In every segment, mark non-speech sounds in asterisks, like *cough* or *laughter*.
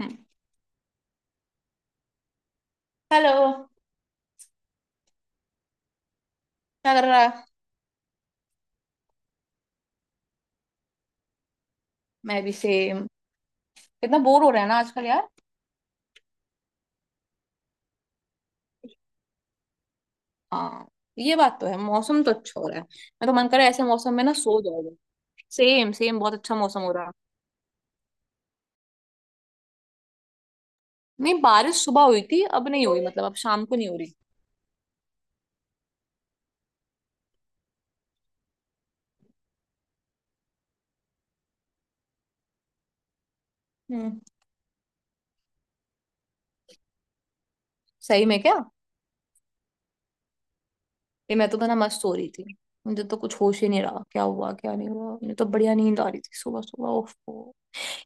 Hello. क्या कर रहा है। मैं भी सेम। कितना बोर हो रहा है ना आजकल यार। हाँ, ये बात तो है, मौसम तो अच्छा हो रहा है, मैं तो मन कर रहा है ऐसे मौसम में ना सो जाओ। सेम सेम, बहुत अच्छा मौसम हो रहा। नहीं, बारिश सुबह हुई थी, अब नहीं हुई, मतलब अब शाम को नहीं हो रही। हम्म। सही में क्या। ये मैं तो बना मस्त सो रही थी। मुझे तो कुछ होश ही नहीं रहा, क्या हुआ क्या नहीं हुआ, मुझे तो बढ़िया नींद आ रही थी सुबह सुबह, ओफ।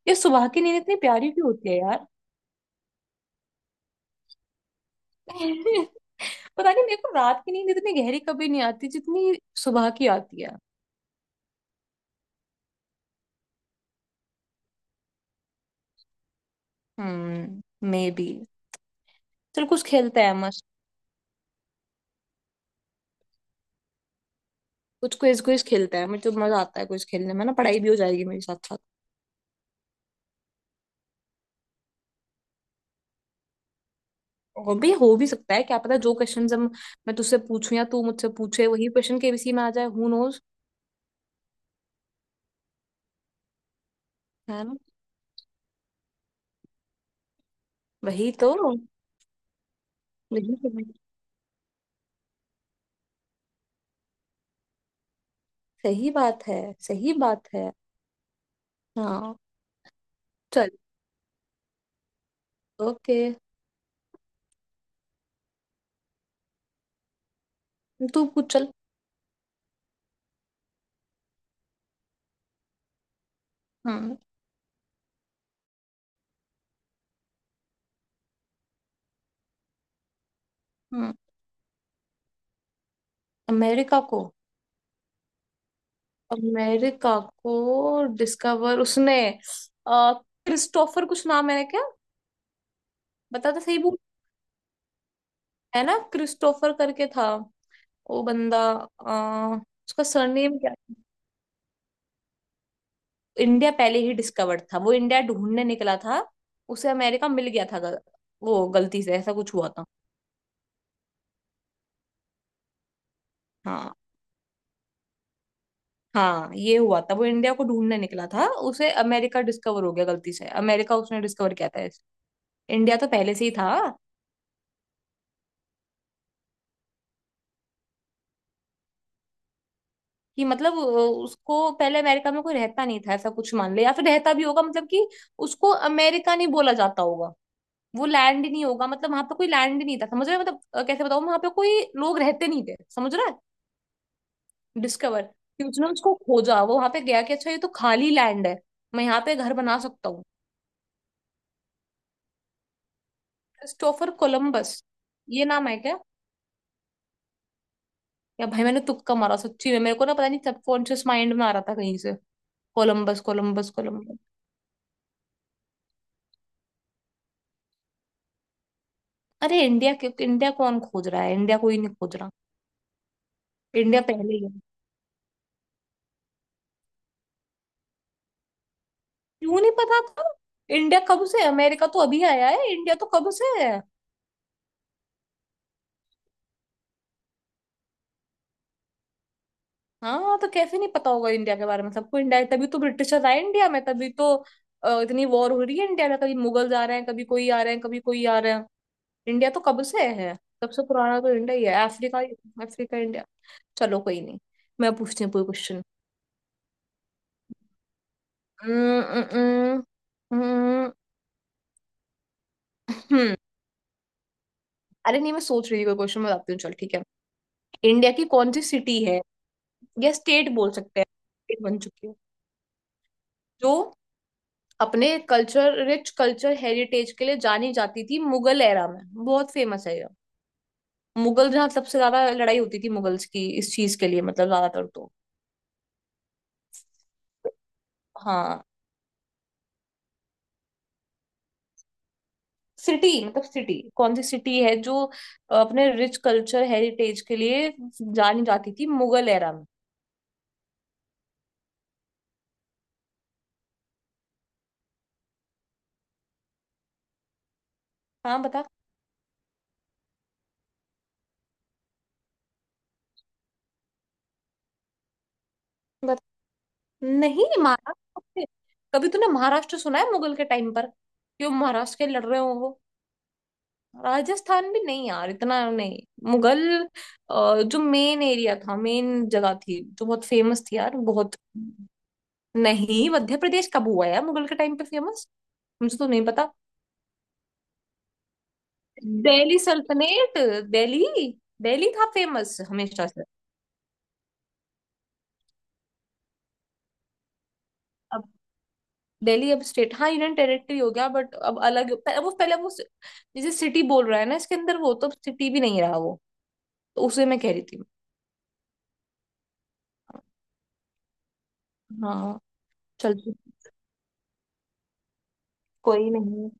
ये सुबह की नींद इतनी प्यारी क्यों होती है यार। *laughs* पता नहीं, मेरे को रात की नींद इतनी गहरी कभी नहीं आती जितनी सुबह की आती है। हम्म। May be. चल कुछ खेलते हैं मस्त। कुछ क्विज क्विज खेलते हैं, मुझे तो मजा आता है कुछ खेलने में ना, पढ़ाई भी हो जाएगी मेरे साथ साथ। और भी हो भी सकता है, क्या पता जो क्वेश्चन हम, मैं तुझसे पूछूं या तू मुझसे पूछे वही क्वेश्चन केबीसी में आ जाए, हु नोज। है ना। वही तो। वही तो। सही बात है। सही बात है। हाँ। चल। ओके। तू पूछ चल। हम्म, हम्म। अमेरिका को। अमेरिका को डिस्कवर उसने, अ, क्रिस्टोफर कुछ नाम है क्या। बता तो सही। है ना, क्रिस्टोफर करके था वो बंदा। उसका सरनेम क्या। इंडिया पहले ही डिस्कवर्ड था, वो इंडिया ढूंढने निकला था, उसे अमेरिका मिल गया था, वो गलती से ऐसा कुछ हुआ था। हाँ। हाँ, ये हुआ था, वो इंडिया को ढूंढने निकला था, उसे अमेरिका डिस्कवर हो गया गलती से, अमेरिका उसने डिस्कवर किया था, इंडिया तो पहले से ही था। कि मतलब उसको, पहले अमेरिका में कोई रहता नहीं था, ऐसा कुछ मान ले, या फिर रहता भी होगा मतलब कि उसको अमेरिका नहीं बोला जाता होगा। वो लैंड ही नहीं होगा, मतलब वहां पे कोई लैंड ही नहीं था, समझ रहे हो, मतलब कैसे बताऊँ, वहां पे कोई लोग रहते नहीं थे, समझ रहा है। डिस्कवर कि उसने उसको खोजा, वो वहां पे गया कि अच्छा ये तो खाली लैंड है, मैं यहाँ पे घर बना सकता हूँ। Christopher Columbus. ये नाम है क्या। या भाई, मैंने तुक्का मारा सच्ची में, मेरे को ना पता नहीं, सबकॉन्शियस माइंड में आ रहा था कहीं से। Columbus, Columbus, Columbus. अरे इंडिया के, इंडिया कौन खोज रहा है, इंडिया कोई नहीं खोज रहा। इंडिया पहले ही है। क्यों नहीं पता था। इंडिया कब से है? अमेरिका तो अभी आया है, इंडिया तो कब से है। हाँ, तो कैसे नहीं पता होगा इंडिया के बारे में, सबको इंडिया, तभी तो ब्रिटिशर्स आए इंडिया में, तभी तो इतनी वॉर हो रही है इंडिया में, कभी मुगल आ रहे हैं, कभी कोई आ रहे हैं, कभी कोई आ रहे हैं। इंडिया तो कब से है। सबसे पुराना तो इंडिया ही है, अफ्रीका। Africa, India. चलो कोई नहीं। मैं पूछती हूँ कोई क्वेश्चन। हम्म। हम्म, अरे नहीं, मैं सोच रही थी कोई क्वेश्चन बताती हूँ, चल ठीक है। इंडिया की कौन सी सिटी है, या स्टेट बोल सकते हैं, स्टेट बन चुकी है जो अपने कल्चर, रिच कल्चर हेरिटेज के लिए जानी जाती थी मुगल एरा में, बहुत फेमस है ये। मुगल जहाँ सबसे ज्यादा लड़ाई होती थी मुगल्स की, इस चीज के लिए मतलब ज्यादातर तो। हाँ। सिटी मतलब, सिटी, कौन सी सिटी है जो अपने रिच कल्चर हेरिटेज के लिए जानी जाती थी मुगल एरा में। हाँ, बता बता। नहीं महाराष्ट्र, कभी तूने महाराष्ट्र सुना है मुगल के टाइम पर, क्यों महाराष्ट्र के लड़ रहे हो वो। राजस्थान भी नहीं यार, इतना नहीं। मुगल, जो मेन एरिया था, मेन जगह थी जो बहुत फेमस थी यार बहुत। नहीं, मध्य प्रदेश कब हुआ यार मुगल के टाइम पे फेमस। मुझे तो नहीं पता। दिल्ली सल्तनत। दिल्ली। दिल्ली था फेमस हमेशा से। अब दिल्ली, अब स्टेट, हाँ यूनियन टेरिटरी हो गया, बट अब अलग वो पहले वो, जैसे सिटी बोल रहा है ना इसके अंदर, वो तो सिटी भी नहीं रहा वो, तो उसे मैं कह रही थी। हाँ। चल। कोई नहीं।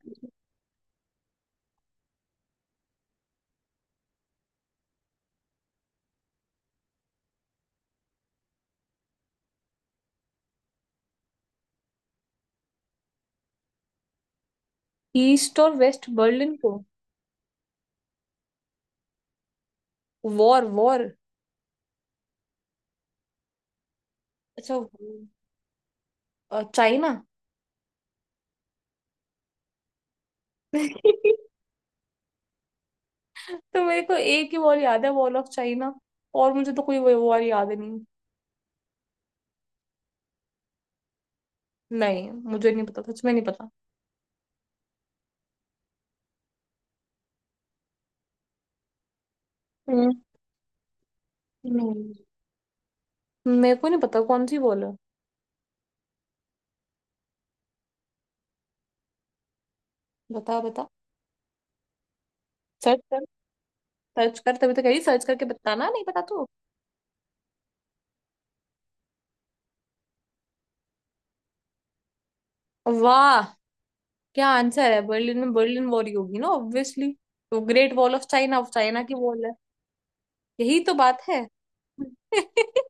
ईस्ट और वेस्ट बर्लिन को। War war. अच्छा चाइना। *laughs* तो मेरे को एक ही वॉर याद है, वॉर ऑफ चाइना, और मुझे तो कोई वॉर याद ही नहीं। नहीं, मुझे नहीं पता, सच में नहीं पता। हम्म, नहीं, मेरे को नहीं पता कौन सी वॉर है। बता बता, सर्च कर, सर्च कर तभी तो कह रही, सर्च करके बताना, नहीं पता तो। वाह, क्या आंसर है, बर्लिन में बर्लिन वॉर ही होगी ना ऑब्वियसली। तो Great Wall of China, of China की वॉल है। यही तो बात है। *laughs*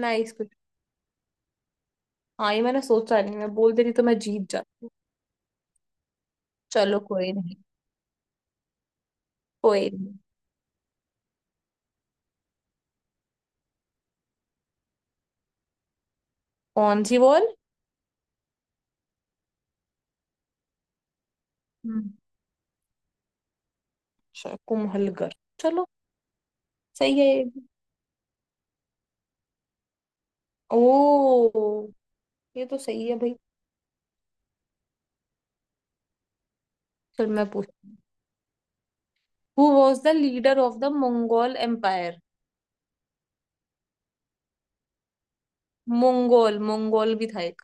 नाइस कुछ। हाँ, ये मैंने सोचा नहीं, मैं बोल देती तो मैं जीत जाती। चलो कोई नहीं। कोई नहीं। कौन सी वॉल। हम्म। अच्छा कुम्हलगर। चलो। सही है ये भी। ओ, ये तो सही है भाई। चल मैं पूछती हूँ। Who was the leader of the Mongol Empire. Mongol, Mongol भी था एक।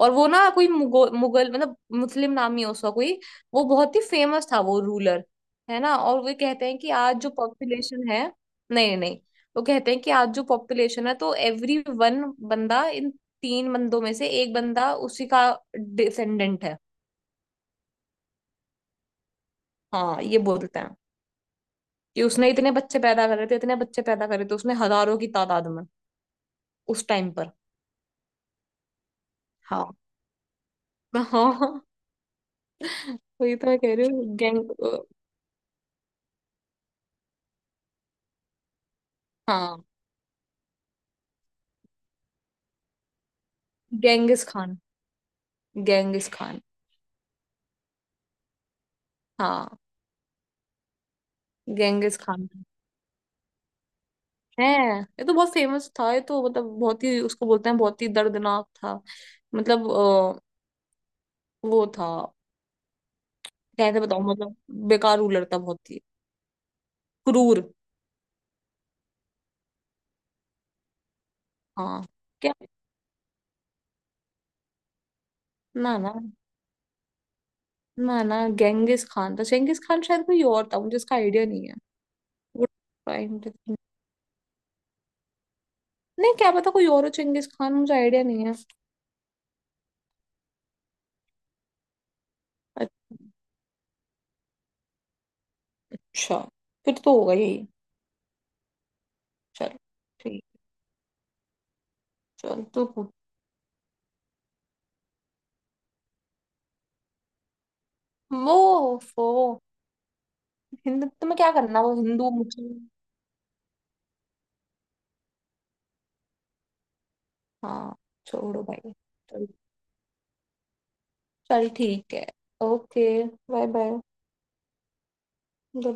और वो ना कोई, मुगल मतलब मुस्लिम नाम ही है उसका कोई, वो बहुत ही फेमस था वो रूलर, है ना, और वे कहते हैं कि आज जो पॉपुलेशन है। नहीं नहीं। वो कहते हैं कि आज जो पॉपुलेशन है तो एवरी वन बंदा, इन तीन बंदों में से एक बंदा उसी का डिसेंडेंट है। हाँ, ये बोलते हैं कि उसने इतने बच्चे पैदा करे थे, इतने बच्चे पैदा करे थे उसने, हजारों की तादाद में उस टाइम पर। हाँ। हाँ, वही तो मैं कह रही हूँ, गैंग। हाँ। Ganges Khan, Ganges Khan. हाँ। गेंगिस खान है, ये तो बहुत फेमस था, ये तो मतलब बहुत ही, उसको बोलते हैं बहुत ही दर्दनाक था, मतलब वो था। कैसे बताऊं, मतलब बेकार रूलर था बहुत ही, क्रूर। हाँ। क्या। ना ना, ना ना, गेंगिस खान था, चेंगिस खान शायद कोई और था, मुझे इसका आइडिया नहीं है। Would find it- नहीं, क्या पता कोई और हो, चेंगिस खान मुझे आइडिया नहीं है। अच्छा, फिर तो होगा यही। चल, ठीक। चल तो। वो फो हिंदू, तुम्हें क्या करना वो हिंदू मुस्लिम। हाँ। छोड़ो भाई। चल। चल ठीक है। ओके। Bye bye.